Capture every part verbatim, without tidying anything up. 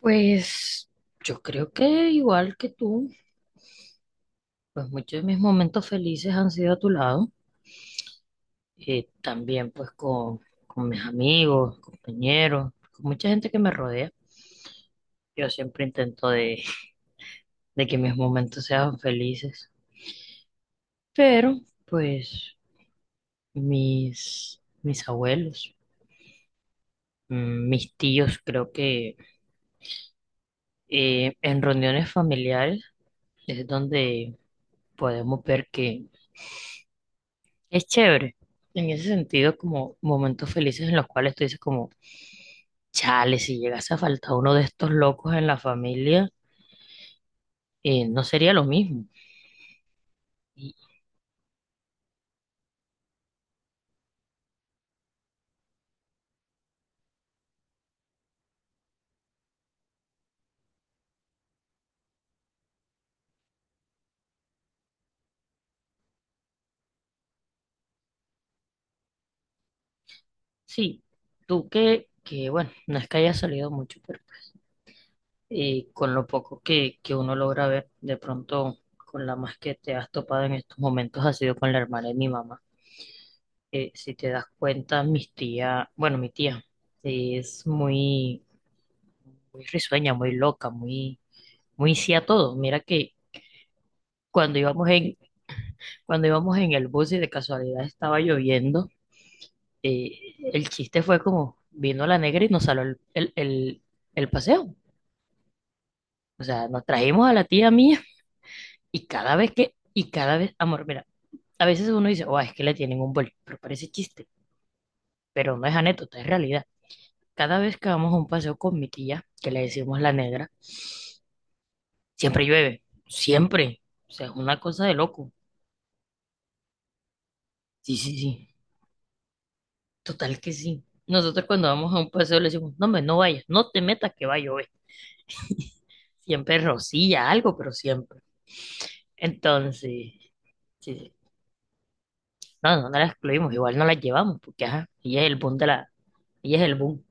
Pues yo creo que igual que tú, pues muchos de mis momentos felices han sido a tu lado, eh, también pues con, con mis amigos, compañeros, con mucha gente que me rodea. Yo siempre intento de, de que mis momentos sean felices, pero pues mis, mis abuelos, mm, mis tíos, creo que eh, en reuniones familiares es donde podemos ver que es chévere. En ese sentido, como momentos felices en los cuales tú dices como, chale, si llegase a faltar uno de estos locos en la familia, eh, no sería lo mismo. Y sí, tú que, que bueno, no es que haya salido mucho, pero eh, con lo poco que, que uno logra ver, de pronto con la más que te has topado en estos momentos ha sido con la hermana de mi mamá. Eh, si te das cuenta, mis tía, bueno, mi tía es muy, muy risueña, muy loca, muy muy sí a todo. Mira que cuando íbamos en, cuando íbamos en el bus y de casualidad estaba lloviendo, eh, el chiste fue como vino la negra y nos saló el, el, el- el paseo. O sea, nos trajimos a la tía mía y cada vez que, y cada vez, amor, mira, a veces uno dice, oh, es que le tienen un bol, pero parece chiste, pero no es anécdota, es realidad. Cada vez que vamos a un paseo con mi tía, que le decimos la negra, siempre llueve, siempre. O sea, es una cosa de loco. Sí, sí, sí. Total que sí. Nosotros cuando vamos a un paseo le decimos, no, me no vayas, no te metas que va a llover. Siempre rocilla algo, pero siempre. Entonces, sí, sí. No, no, no la excluimos, igual no la llevamos, porque ajá, ella es el boom de la, ella es el boom.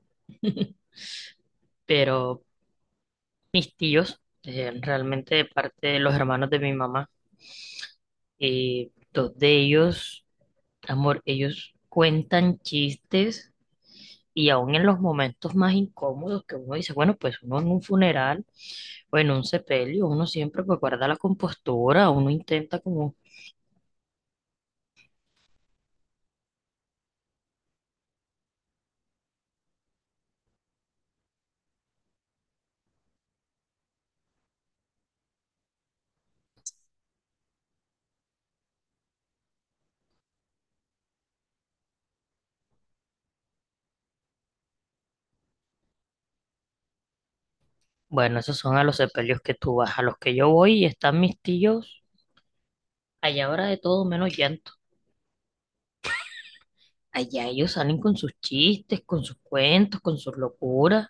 Pero mis tíos, eh, realmente de parte de los hermanos de mi mamá, eh, dos de ellos, amor, ellos cuentan chistes y aún en los momentos más incómodos que uno dice, bueno, pues uno en un funeral, bueno, un sepelio, uno siempre pues guarda la compostura, uno intenta como, bueno, esos son a los sepelios que tú vas, a los que yo voy y están mis tíos, allá ahora de todo menos llanto. Allá ellos salen con sus chistes, con sus cuentos, con sus locuras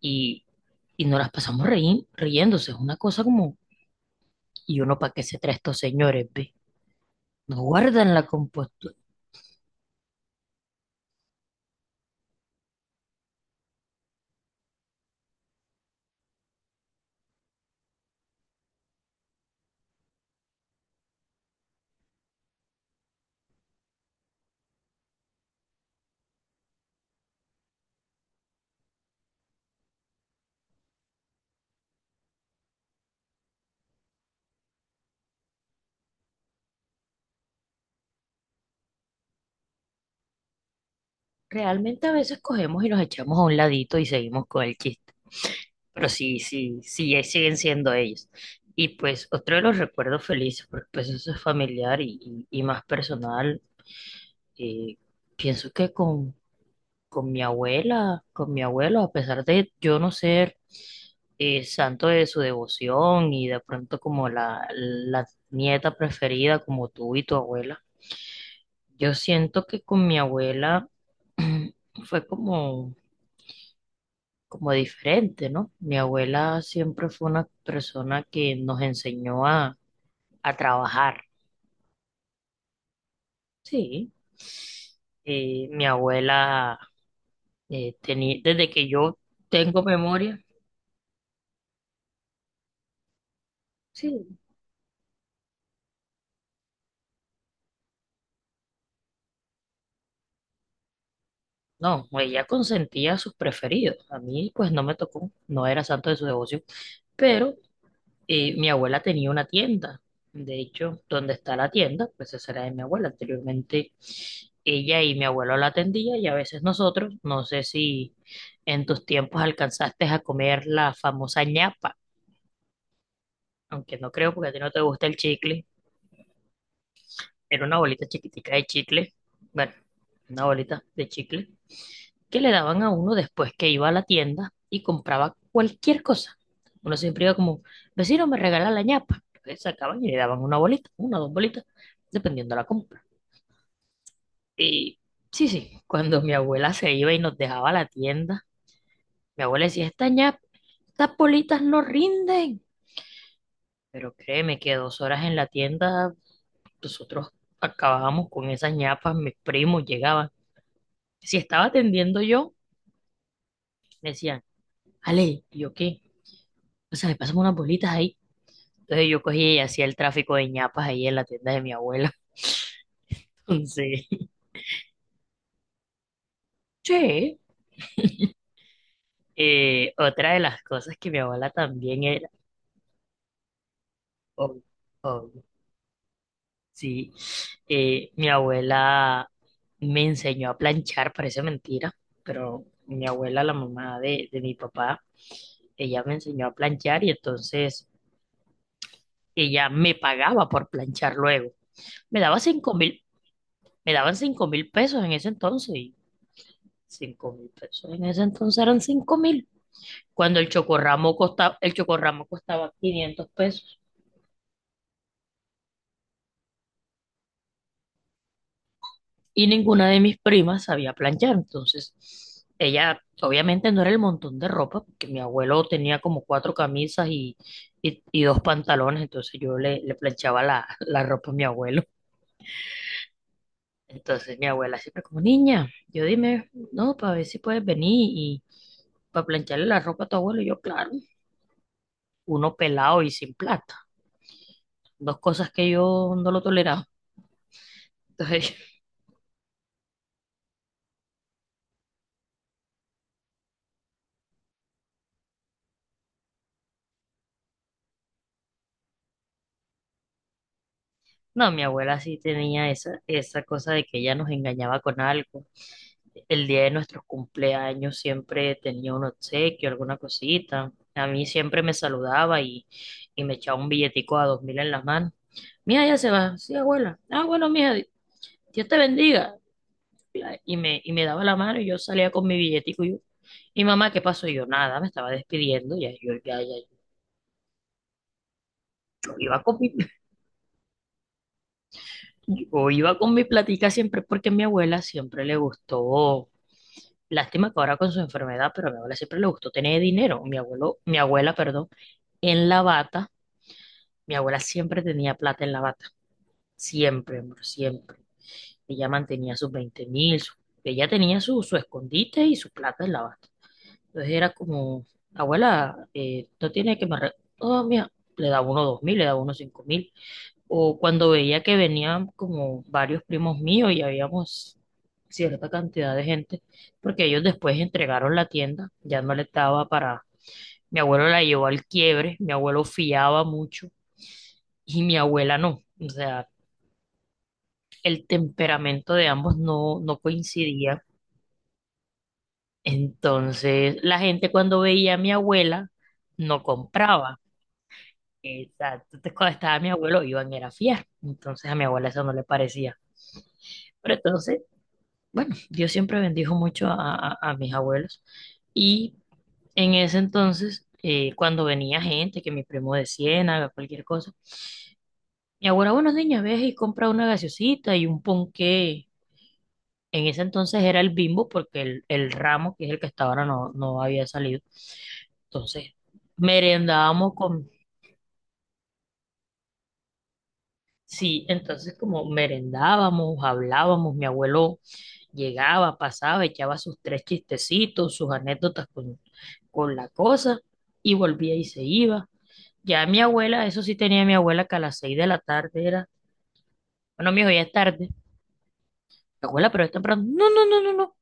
y, y nos las pasamos reí- riéndose, es una cosa como, ¿y uno para qué se trae estos señores, ve? No guardan la compostura. Realmente a veces cogemos y nos echamos a un ladito y seguimos con el chiste. Pero sí, sí, sí, eh, siguen siendo ellos. Y pues otro de los recuerdos felices, porque pues eso es familiar y, y- y más personal, eh, pienso que con, con mi abuela, con mi abuelo, a pesar de yo no ser eh, santo de su devoción y de pronto como la, la nieta preferida como tú y tu abuela, yo siento que con mi abuela fue como como diferente, ¿no? Mi abuela siempre fue una persona que nos enseñó a, a trabajar. Sí, eh, mi abuela tenía, desde que yo tengo memoria, sí, no, ella consentía a sus preferidos. A mí, pues, no me tocó, no era santo de su devoción, pero eh, mi abuela tenía una tienda. De hecho, donde está la tienda, pues esa era de mi abuela. Anteriormente, ella y mi abuelo la atendía y a veces nosotros, no sé si en tus tiempos alcanzaste a comer la famosa ñapa, aunque no creo porque a ti no te gusta el chicle. Era una bolita chiquitica de chicle, una bolita de chicle, que le daban a uno después que iba a la tienda y compraba cualquier cosa. Uno siempre iba como, vecino, me regala la ñapa. Entonces sacaban y le daban una bolita, una o dos bolitas, dependiendo de la compra. Y sí, sí, cuando mi abuela se iba y nos dejaba la tienda, mi abuela decía, esta ñapa, estas bolitas no rinden. Pero créeme que dos horas en la tienda, nosotros acabábamos con esas ñapas, mis primos llegaban. Si estaba atendiendo yo, me decían, Ale, ¿y yo qué? O sea, me pasan unas bolitas ahí. Entonces yo cogí y hacía el tráfico de ñapas ahí en la tienda de mi abuela. Entonces, sí. Eh, otra de las cosas que mi abuela también era, obvio, obvio, sí, eh, mi abuela me enseñó a planchar, parece mentira, pero mi abuela, la mamá de, de mi papá, ella me enseñó a planchar y entonces ella me pagaba por planchar luego. Me daba cinco mil, me daban cinco mil pesos en ese entonces. Cinco mil pesos. En ese entonces eran cinco mil. Cuando el chocorramo costaba, el chocorramo costaba quinientos pesos. Y ninguna de mis primas sabía planchar. Entonces, ella obviamente no era el montón de ropa, porque mi abuelo tenía como cuatro camisas y, y, y dos pantalones. Entonces, yo le, le planchaba la, la ropa a mi abuelo. Entonces, mi abuela siempre como niña, yo dime, no, para ver si puedes venir y para plancharle la ropa a tu abuelo. Y yo, claro, uno pelado y sin plata, dos cosas que yo no lo toleraba. Entonces, no, mi abuela sí tenía esa, esa cosa de que ella nos engañaba con algo. El día de nuestros cumpleaños siempre tenía un obsequio, alguna cosita. A mí siempre me saludaba y, y me echaba un billetico a dos mil en la mano. Mía, ya se va. Sí, abuela. Ah, bueno, mía, Dios te bendiga. Y me, y me daba la mano y yo salía con mi billetico y yo, y mamá, ¿qué pasó? Y yo, nada, me estaba despidiendo, ya yo, ya, ya, yo iba con mi, yo iba con mi platica siempre porque a mi abuela siempre le gustó, lástima que ahora con su enfermedad, pero a mi abuela siempre le gustó tener dinero. Mi abuelo, mi abuela, perdón, en la bata, mi abuela siempre tenía plata en la bata, siempre, amor, siempre. Ella mantenía sus veinte mil, ella tenía su, su escondite y su plata en la bata. Entonces era como, abuela, eh, no tiene que me... re- oh, mira, le da uno dos mil, le da uno cinco mil, o cuando veía que venían como varios primos míos y habíamos cierta cantidad de gente, porque ellos después entregaron la tienda, ya no le estaba para... Mi abuelo la llevó al quiebre, mi abuelo fiaba mucho y mi abuela no. O sea, el temperamento de ambos no, no coincidía. Entonces, la gente cuando veía a mi abuela no compraba. Exacto. Entonces, cuando estaba mi abuelo, iban era a fiar. Entonces, a mi abuela eso no le parecía. Pero entonces bueno, Dios siempre bendijo mucho a, a- a mis abuelos. Y en ese entonces, eh, cuando venía gente, que mi primo de Ciénaga, cualquier cosa, mi abuela, bueno, niña, ves y compra una gaseosita y un ponqué. En ese entonces era el Bimbo, porque el, el ramo, que es el que hasta ahora no, no había salido. Entonces, merendábamos con, sí, entonces como merendábamos, hablábamos, mi abuelo llegaba, pasaba, echaba sus tres chistecitos, sus anécdotas con, con la cosa y volvía y se iba. Ya mi abuela, eso sí tenía mi abuela que a las seis de la tarde era, bueno, mijo, ya es tarde. Abuela, pero es temprano. No, no, no, no, no.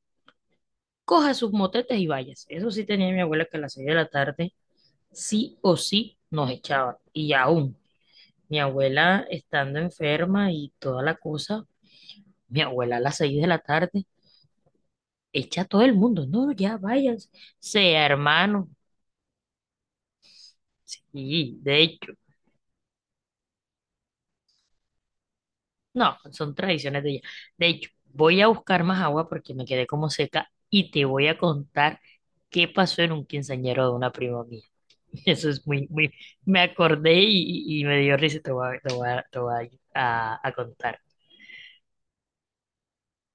Coja sus motetes y váyase. Eso sí tenía mi abuela que a las seis de la tarde sí o sí nos echaba. Y aún, mi abuela estando enferma y toda la cosa, mi abuela a las seis de la tarde echa a todo el mundo. No, ya váyanse. Sea hermano, sí, de hecho, no, son tradiciones de ella. De hecho, voy a buscar más agua porque me quedé como seca y te voy a contar qué pasó en un quinceañero de una prima mía. Eso es muy, muy, me acordé y, y- y me dio risa y te voy a, te voy a, te voy a, a a contar.